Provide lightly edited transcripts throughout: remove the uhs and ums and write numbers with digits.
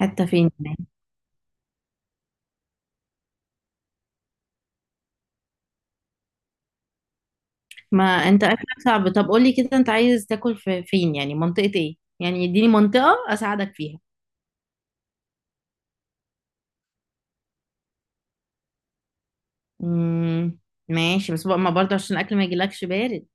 حتى فين يعني؟ ما انت اكلك صعب. طب قولي كده، انت عايز تاكل في فين يعني؟ منطقة ايه يعني؟ اديني منطقة اساعدك فيها. امم ماشي، بس بقى ما برضه عشان الاكل ما يجيلكش بارد.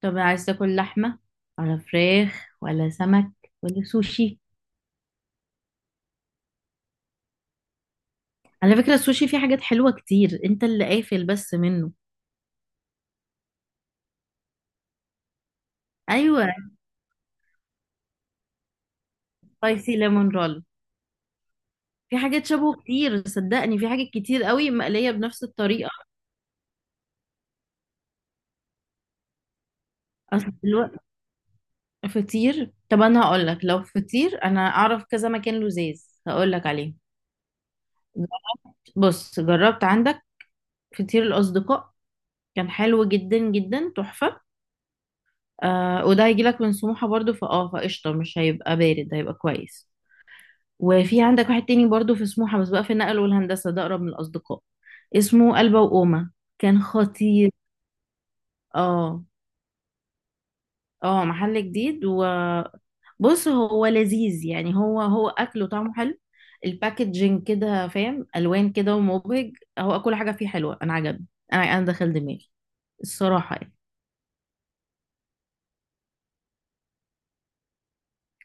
طب عايز تاكل لحمة ولا فراخ ولا سمك ولا سوشي؟ على فكرة، السوشي فيه حاجات حلوة كتير، انت اللي قافل بس منه. ايوه، سبايسي ليمون رول. في حاجات شبهه كتير، صدقني، في حاجات كتير قوي مقلية بنفس الطريقة. اصل دلوقتي فطير، طب انا هقول لك، لو فطير انا اعرف كذا مكان لذيذ هقول لك عليه. بص، جربت عندك فطير الاصدقاء، كان حلو جدا جدا، تحفه. آه، وده هيجي لك من سموحه برضو فاه فقشطه، مش هيبقى بارد، هيبقى كويس. وفي عندك واحد تاني برضو في سموحه، بس بقى في النقل والهندسه، ده اقرب من الاصدقاء، اسمه قلبه وقومه، كان خطير. اه. اه، محل جديد، وبص، هو لذيذ يعني، هو اكله طعمه حلو. الباكجينج كده، فاهم، الوان كده ومبهج، هو كل حاجه فيه حلوه، انا عجبني. انا دخل دماغي الصراحه يعني.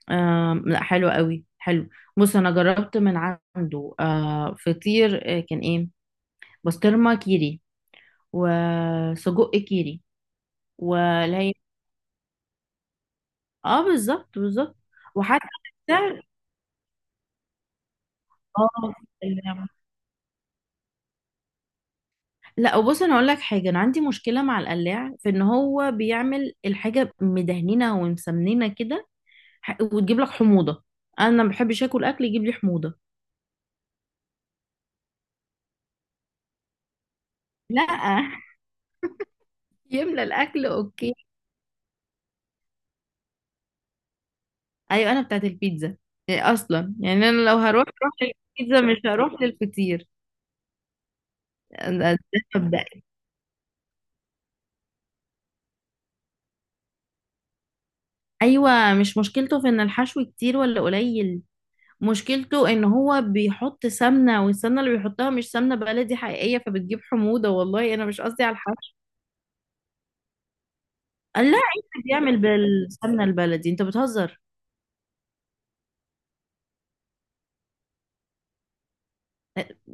لا، حلو قوي، حلو. بص، انا جربت من عنده فطير، كان ايه، بسطرمه كيري، وسجق كيري، واللي هي. اه، بالظبط بالظبط. وحتى السعر. اه لا، بص، انا اقول لك حاجه، انا عندي مشكله مع القلاع في ان هو بيعمل الحاجه مدهنينه ومسمنينه كده، وتجيب لك حموضه، انا ما بحبش اكل اكل يجيب لي حموضه. لا، يملى الاكل، اوكي. ايوه، انا بتاعت البيتزا. إيه اصلا يعني، انا لو هروح اروح للبيتزا، مش هروح للفطير. ده مبدأ. ايوه، مش مشكلته في ان الحشو كتير ولا قليل، مشكلته ان هو بيحط سمنه، والسمنه اللي بيحطها مش سمنه بلدي حقيقيه، فبتجيب حموضه، والله انا مش قصدي على الحشو. لا، عيسى بيعمل بالسمنة البلدي، انت بتهزر.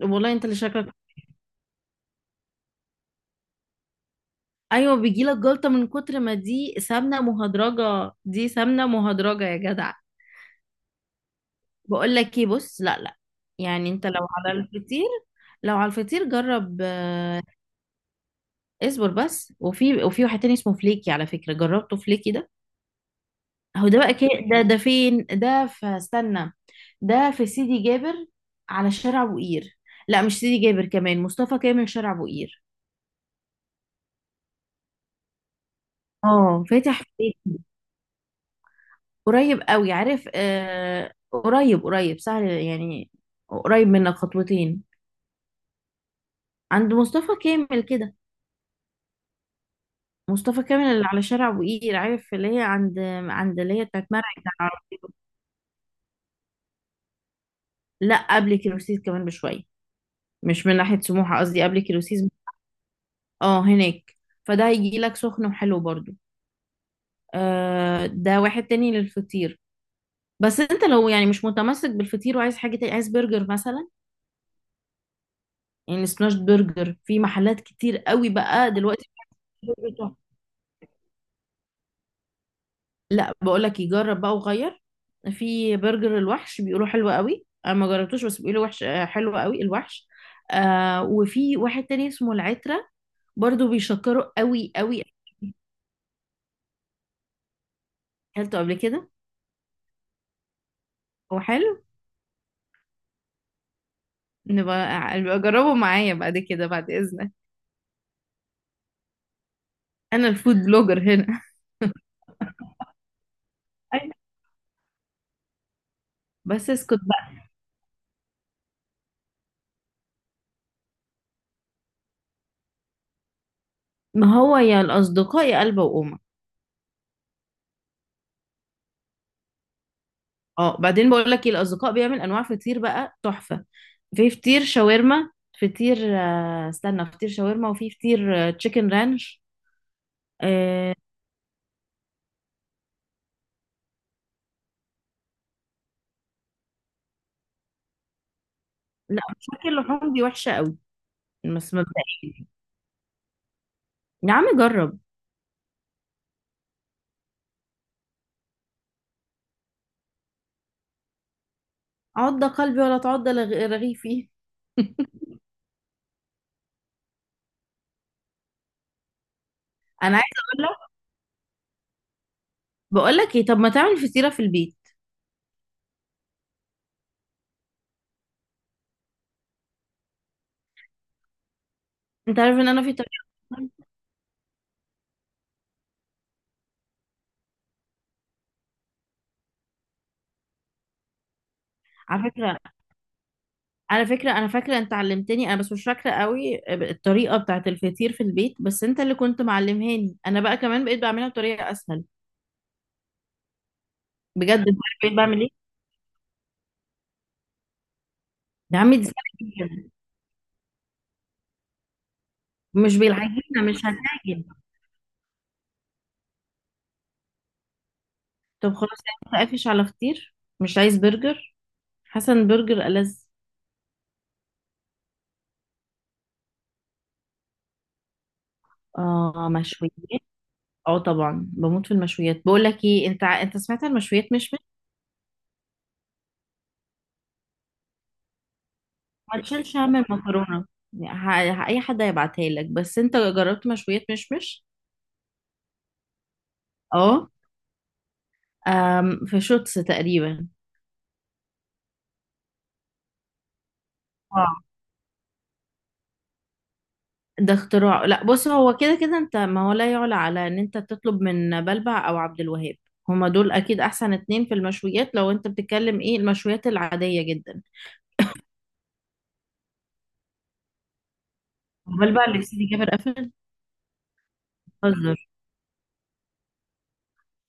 والله انت اللي شكلك. ايوه، بيجيلك جلطة من كتر ما دي سمنة مهدرجة، دي سمنة مهدرجة يا جدع. بقول لك ايه، بص، لا لا. يعني انت لو على الفطير، لو على الفطير جرب. اصبر بس، وفي واحد تاني اسمه فليكي، على فكرة جربته فليكي ده، هو ده بقى كي ده فين ده، فاستنى. ده في سيدي جابر، على شارع بوقير. لا، مش سيدي جابر، كمان مصطفى كامل، شارع بوقير. اه، فاتح في بيتي. قريب قوي، عارف، قريب قريب، سهل يعني، قريب منك خطوتين. عند مصطفى كامل كده، مصطفى كامل اللي على شارع ابو قير، عارف اللي هي عند، عند اللي هي بتاعت مرعي بتاع العربية. لا، قبل كيروسيس كمان بشويه، مش من ناحيه سموحه، قصدي قبل كيروسيس. اه، هناك. فده هيجي لك سخن وحلو برضو. آه، ده واحد تاني للفطير. بس انت لو يعني مش متمسك بالفطير، وعايز حاجه تاني، عايز برجر مثلا، يعني سماش برجر في محلات كتير قوي بقى دلوقتي. برجر تحفة. لا، بقول لك يجرب بقى وغير، في برجر الوحش، بيقولوا حلو قوي، انا ما جربتوش، بس بيقولوا وحش، حلو قوي الوحش. آه، وفي واحد تاني اسمه العترة، برضو بيشكروا قوي قوي. اكلته قبل كده. هو حلو. نبقى جربه معايا بعد كده، بعد اذنك، انا الفود بلوجر هنا. أيوة. بس اسكت بقى. ما هو يا الاصدقاء يا قلبه وامك. اه، بعدين بقول لك ايه، الاصدقاء بيعمل انواع فطير بقى تحفه، في فطير شاورما، فطير آه، استنى، فطير شاورما، وفي فطير تشيكن رانش. آه. لا، مش فاكر، اللحوم دي وحشه قوي. بس مبدئيا يا عم جرب. عض قلبي ولا تعض رغيفي. انا عايزه اقول لك، بقول لك ايه، طب ما تعمل فطيره في البيت. انت عارف ان انا في طريقه. على فكره على فكرة أنا فاكرة أنت علمتني أنا، بس مش فاكرة قوي الطريقة بتاعة الفطير في البيت، بس أنت اللي كنت معلمهاني، أنا بقى كمان بقيت بعملها بطريقة أسهل. بجد أنت عارف بقيت بعمل إيه؟ ده عمي، دي سهلة جدا. مش بالعجينة، مش هتعجن. طب خلاص، أنت قافش على فطير، مش عايز برجر، حسن برجر ألذ. آه، مشويات. اه طبعا، بموت في المشويات. بقول لك ايه، انت سمعت عن المشويات مش. ما تشيلش هم المكرونه، يعني اي حد هيبعتها لك، بس انت جربت مشويات مشمش. اه. في شوتس تقريبا. اه، ده اختراع. لا بص، هو كده كده انت، ما هو لا يعلى على ان انت تطلب من بلبع او عبد الوهاب، هما دول اكيد احسن اتنين في المشويات، لو انت بتتكلم ايه، المشويات العادية جدا. بلبع اللي في سيدي جابر قفل؟ بتهزر.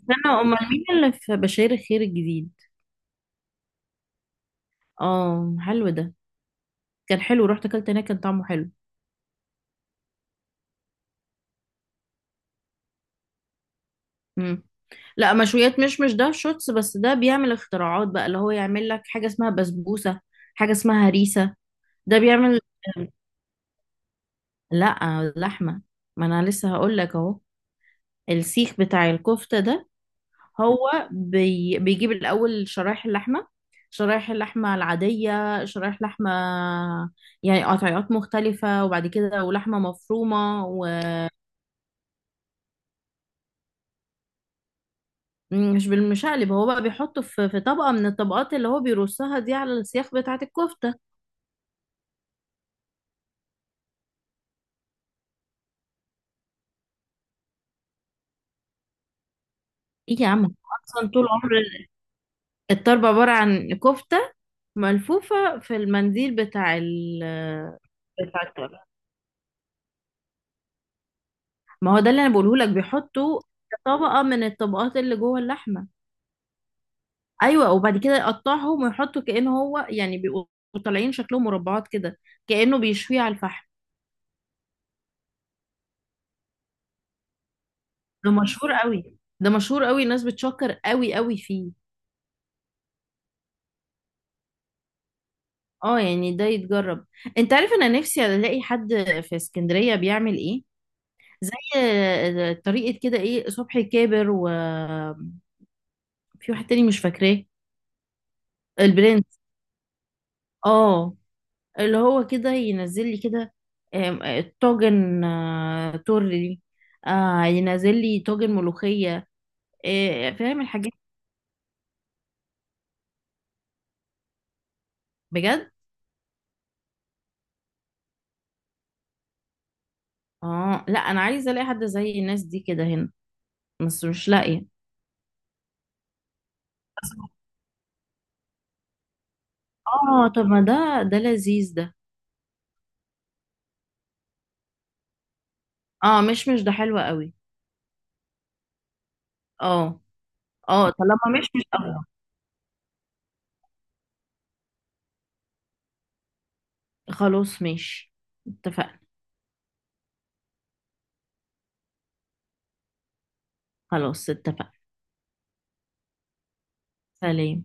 استنى، امال مين اللي في بشير الخير الجديد؟ اه، حلو ده، كان حلو، رحت اكلت هناك، كان طعمه حلو. امم لا، مشويات مش ده شوتس، بس ده بيعمل اختراعات بقى، اللي هو يعمل لك حاجة اسمها بسبوسة، حاجة اسمها هريسة، ده بيعمل. لا، اللحمة، ما انا لسه هقول لك اهو، السيخ بتاع الكفتة ده، هو بيجيب الاول شرايح اللحمة، شرايح اللحمة العادية، شرايح لحمة يعني قطعيات مختلفة، وبعد كده ولحمة مفرومة. ومش بالمشقلب، هو بقى بيحطه في طبقة من الطبقات اللي هو بيرصها دي على السياخ بتاعة الكفتة. ايه يا عم، اصلا طول عمر الطرب عبارة عن كفتة ملفوفة في المنديل بتاع بتاع الطرب. ما هو ده اللي انا بقوله لك، بيحطوا طبقه من الطبقات اللي جوه اللحمه. ايوه، وبعد كده يقطعهم ويحطوا، كأنه هو يعني بيبقوا طالعين شكلهم مربعات كده، كأنه بيشويه على الفحم. ده مشهور قوي، ده مشهور قوي، الناس بتشكر قوي قوي فيه. اه يعني، ده يتجرب. انت عارف انا نفسي الاقي حد في اسكندريه بيعمل ايه زي طريقه كده، ايه، صبحي كابر، وفي واحد تاني مش فاكراه، البرنس. اه، اللي هو كده ينزل لي كده، آم، آه، طاجن، تورلي، ينزل لي طاجن ملوخية، فاهم الحاجات. بجد. اه لا، انا عايزة الاقي حد زي الناس دي كده هنا، بس مش لاقية. اه، طب ما ده لذيذ ده. اه، مش ده حلو قوي. اه اه، طالما مش قوي. خلاص ماشي، اتفقنا. خلاص اتفقنا. سلام.